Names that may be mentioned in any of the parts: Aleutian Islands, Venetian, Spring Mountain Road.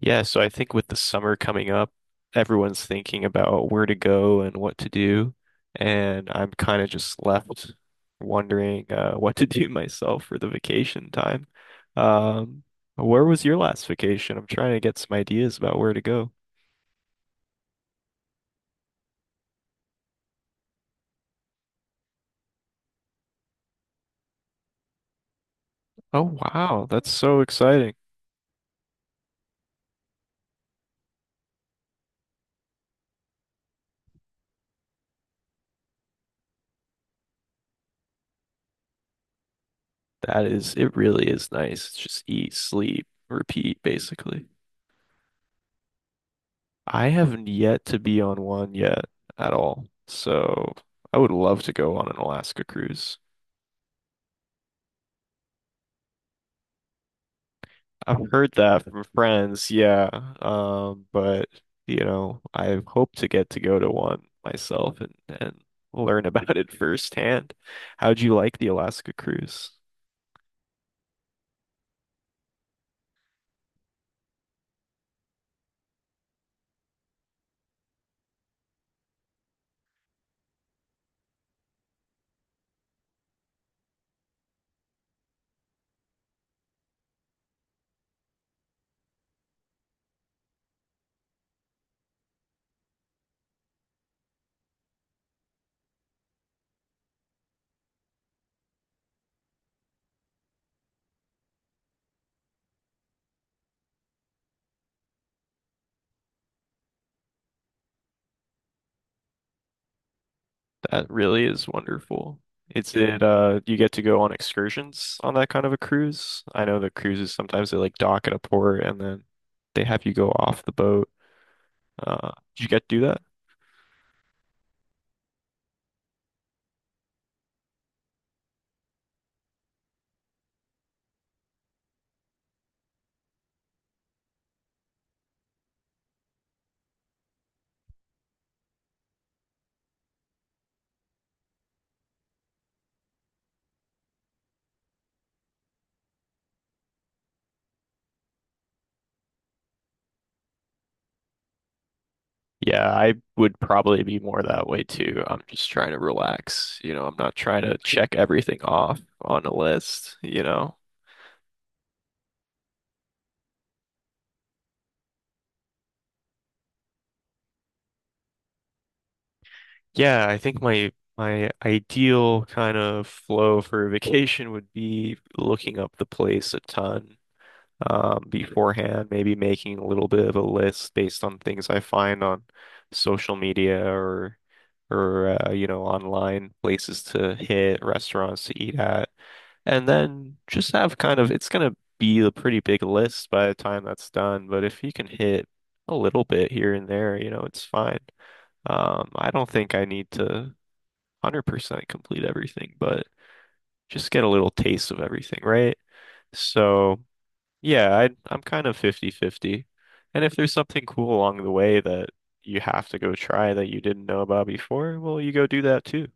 Yeah, so I think with the summer coming up, everyone's thinking about where to go and what to do, and I'm kind of just left wondering what to do myself for the vacation time. Um, where was your last vacation? I'm trying to get some ideas about where to go. Oh wow, that's so exciting. That is, it really is nice. It's just eat, sleep, repeat, basically. I haven't yet to be on one yet at all, so I would love to go on an Alaska cruise. I've heard that from friends, yeah. But I hope to get to go to one myself and learn about it firsthand. How'd you like the Alaska cruise? That really is wonderful. It you get to go on excursions on that kind of a cruise. I know the cruises sometimes they like dock at a port and then they have you go off the boat. Did you get to do that? Yeah, I would probably be more that way too. I'm just trying to relax. I'm not trying to check everything off on a list. Yeah, I think my ideal kind of flow for a vacation would be looking up the place a ton beforehand, maybe making a little bit of a list based on things I find on social media or or online places to hit, restaurants to eat at. And then just have kind of, it's going to be a pretty big list by the time that's done. But if he can hit a little bit here and there, it's fine. I don't think I need to 100% complete everything, but just get a little taste of everything, right? So, yeah, I'm kind of 50 50. And if there's something cool along the way that you have to go try that you didn't know about before, well, you go do that too.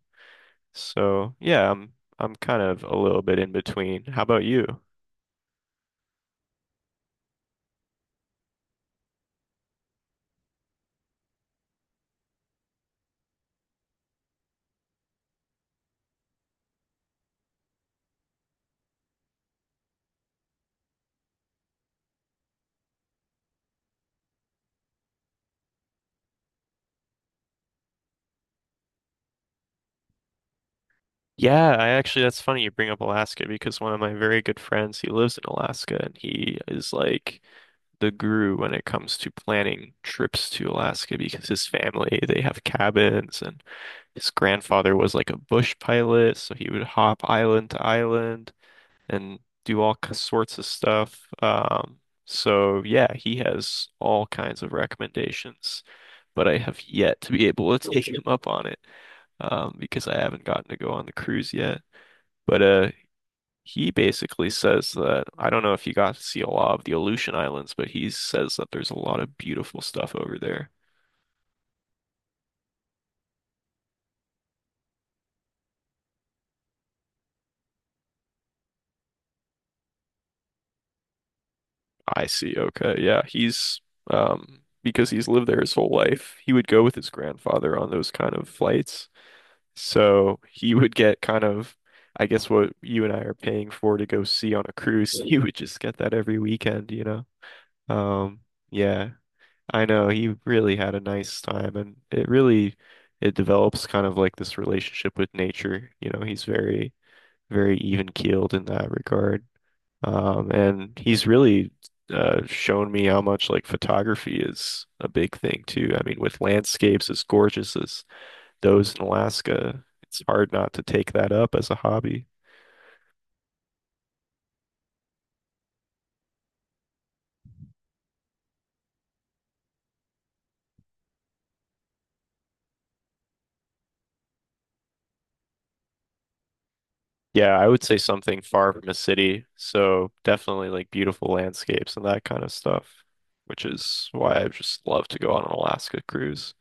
So, yeah, I'm kind of a little bit in between. How about you? Yeah, I actually, that's funny you bring up Alaska because one of my very good friends, he lives in Alaska and he is like the guru when it comes to planning trips to Alaska because his family, they have cabins and his grandfather was like a bush pilot, so he would hop island to island and do sorts of stuff. So yeah, he has all kinds of recommendations, but I have yet to be able to take him up on it, because I haven't gotten to go on the cruise yet. But he basically says that I don't know if you got to see a lot of the Aleutian Islands, but he says that there's a lot of beautiful stuff over there. I see. Okay. Yeah. Because he's lived there his whole life, he would go with his grandfather on those kind of flights. So he would get kind of, I guess, what you and I are paying for to go see on a cruise. He would just get that every weekend, you know? Um, yeah. I know he really had a nice time and it really it develops kind of like this relationship with nature. You know, he's very, very even keeled in that regard. And he's really shown me how much like photography is a big thing too. I mean, with landscapes as gorgeous as those in Alaska, it's hard not to take that up as a hobby. Yeah, I would say something far from a city. So definitely like beautiful landscapes and that kind of stuff, which is why I just love to go on an Alaska cruise.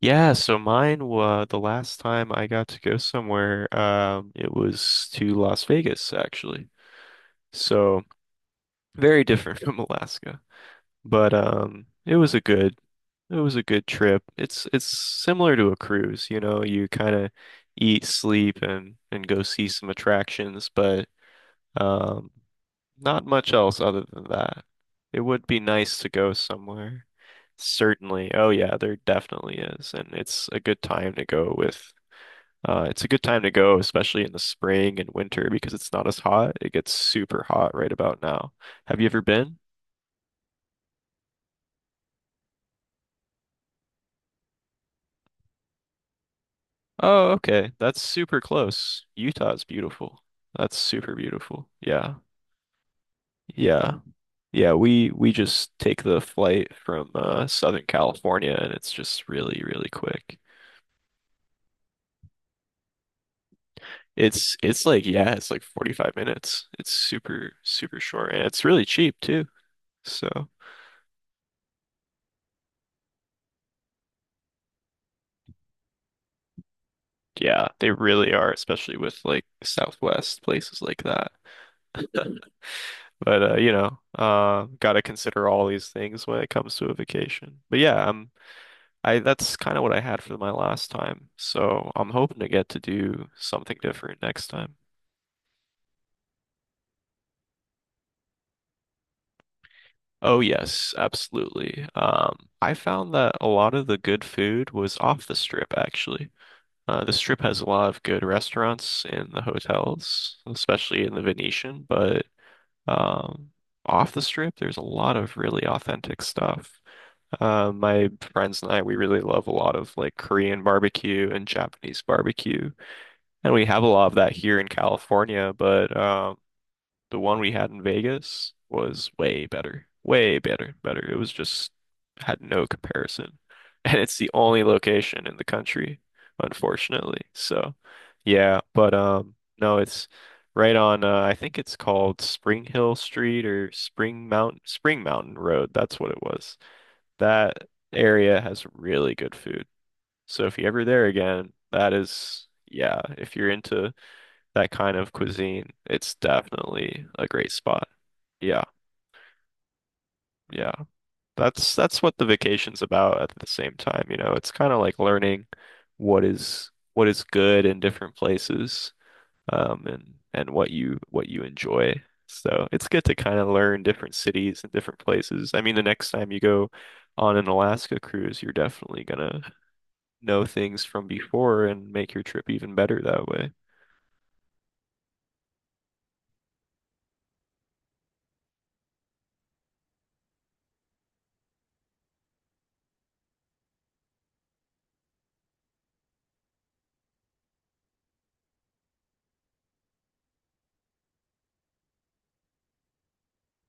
Yeah, so mine was the last time I got to go somewhere, it was to Las Vegas actually. So very different from Alaska. But it was a good trip. It's similar to a cruise, you know, you kind of eat, sleep and go see some attractions, but um, not much else other than that. It would be nice to go somewhere. Certainly. Oh yeah, there definitely is. And it's a good time to go with it's a good time to go, especially in the spring and winter because it's not as hot. It gets super hot right about now. Have you ever been? Oh, okay. That's super close. Utah's beautiful. That's super beautiful. Yeah. Yeah. Yeah, we just take the flight from Southern California and it's just really, really quick. It's like 45 minutes. It's super short and it's really cheap too. So, yeah, they really are, especially with like Southwest places like that. But you know, gotta consider all these things when it comes to a vacation. I that's kind of what I had for my last time. So, I'm hoping to get to do something different next time. Oh yes, absolutely. I found that a lot of the good food was off the strip actually. The strip has a lot of good restaurants and the hotels, especially in the Venetian, but um, off the strip, there's a lot of really authentic stuff. My friends and I, we really love a lot of like Korean barbecue and Japanese barbecue, and we have a lot of that here in California, but the one we had in Vegas was way better. Way better. It was just had no comparison. And it's the only location in the country, unfortunately. So, yeah, but no, it's right on I think it's called Spring Hill Street or Spring Mountain Road. That's what it was. That area has really good food. So if you're ever there again, that is yeah, if you're into that kind of cuisine, it's definitely a great spot. Yeah, yeah. That's what the vacation's about at the same time, you know. It's kind of like learning what is good in different places, and what you enjoy. So it's good to kind of learn different cities and different places. I mean, the next time you go on an Alaska cruise, you're definitely gonna know things from before and make your trip even better that way.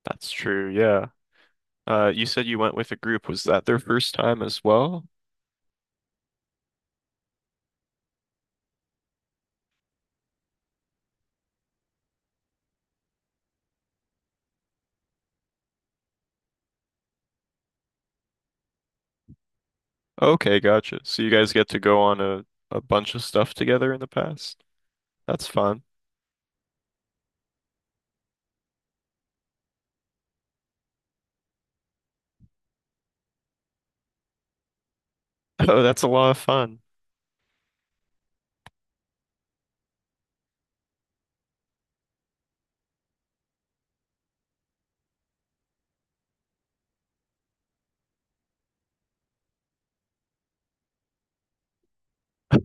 That's true, yeah. You said you went with a group. Was that their first time as well? Okay, gotcha. So you guys get to go on a bunch of stuff together in the past? That's fun. Oh, that's a lot of fun.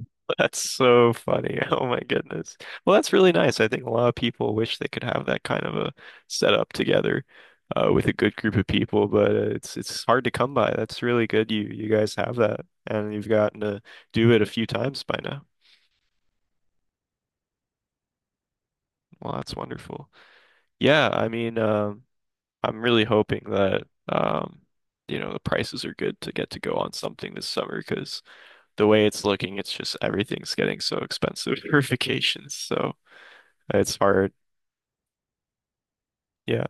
That's so funny. Oh my goodness. Well, that's really nice. I think a lot of people wish they could have that kind of a setup together with a good group of people, but it's hard to come by. That's really good. You guys have that, and you've gotten to do it a few times by now. Well, that's wonderful. Yeah, I mean, I'm really hoping that um, you know, the prices are good to get to go on something this summer because the way it's looking, it's just everything's getting so expensive for vacations. So it's hard. Yeah,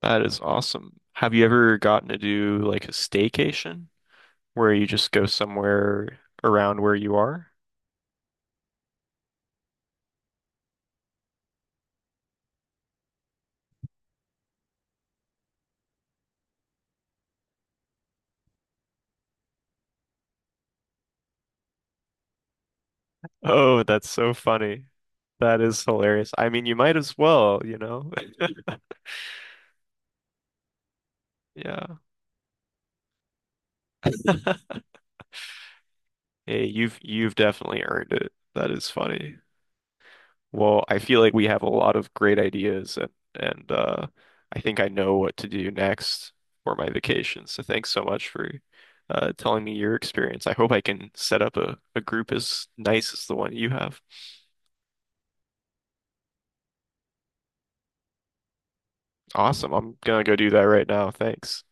that is awesome. Have you ever gotten to do like a staycation where you just go somewhere around where you are? Oh, that's so funny. That is hilarious. I mean, you might as well, you know? Yeah. Hey, you've definitely earned it. That is funny. Well, I feel like we have a lot of great ideas and and I think I know what to do next for my vacation. So thanks so much for telling me your experience. I hope I can set up a group as nice as the one you have. Awesome. I'm gonna go do that right now. Thanks.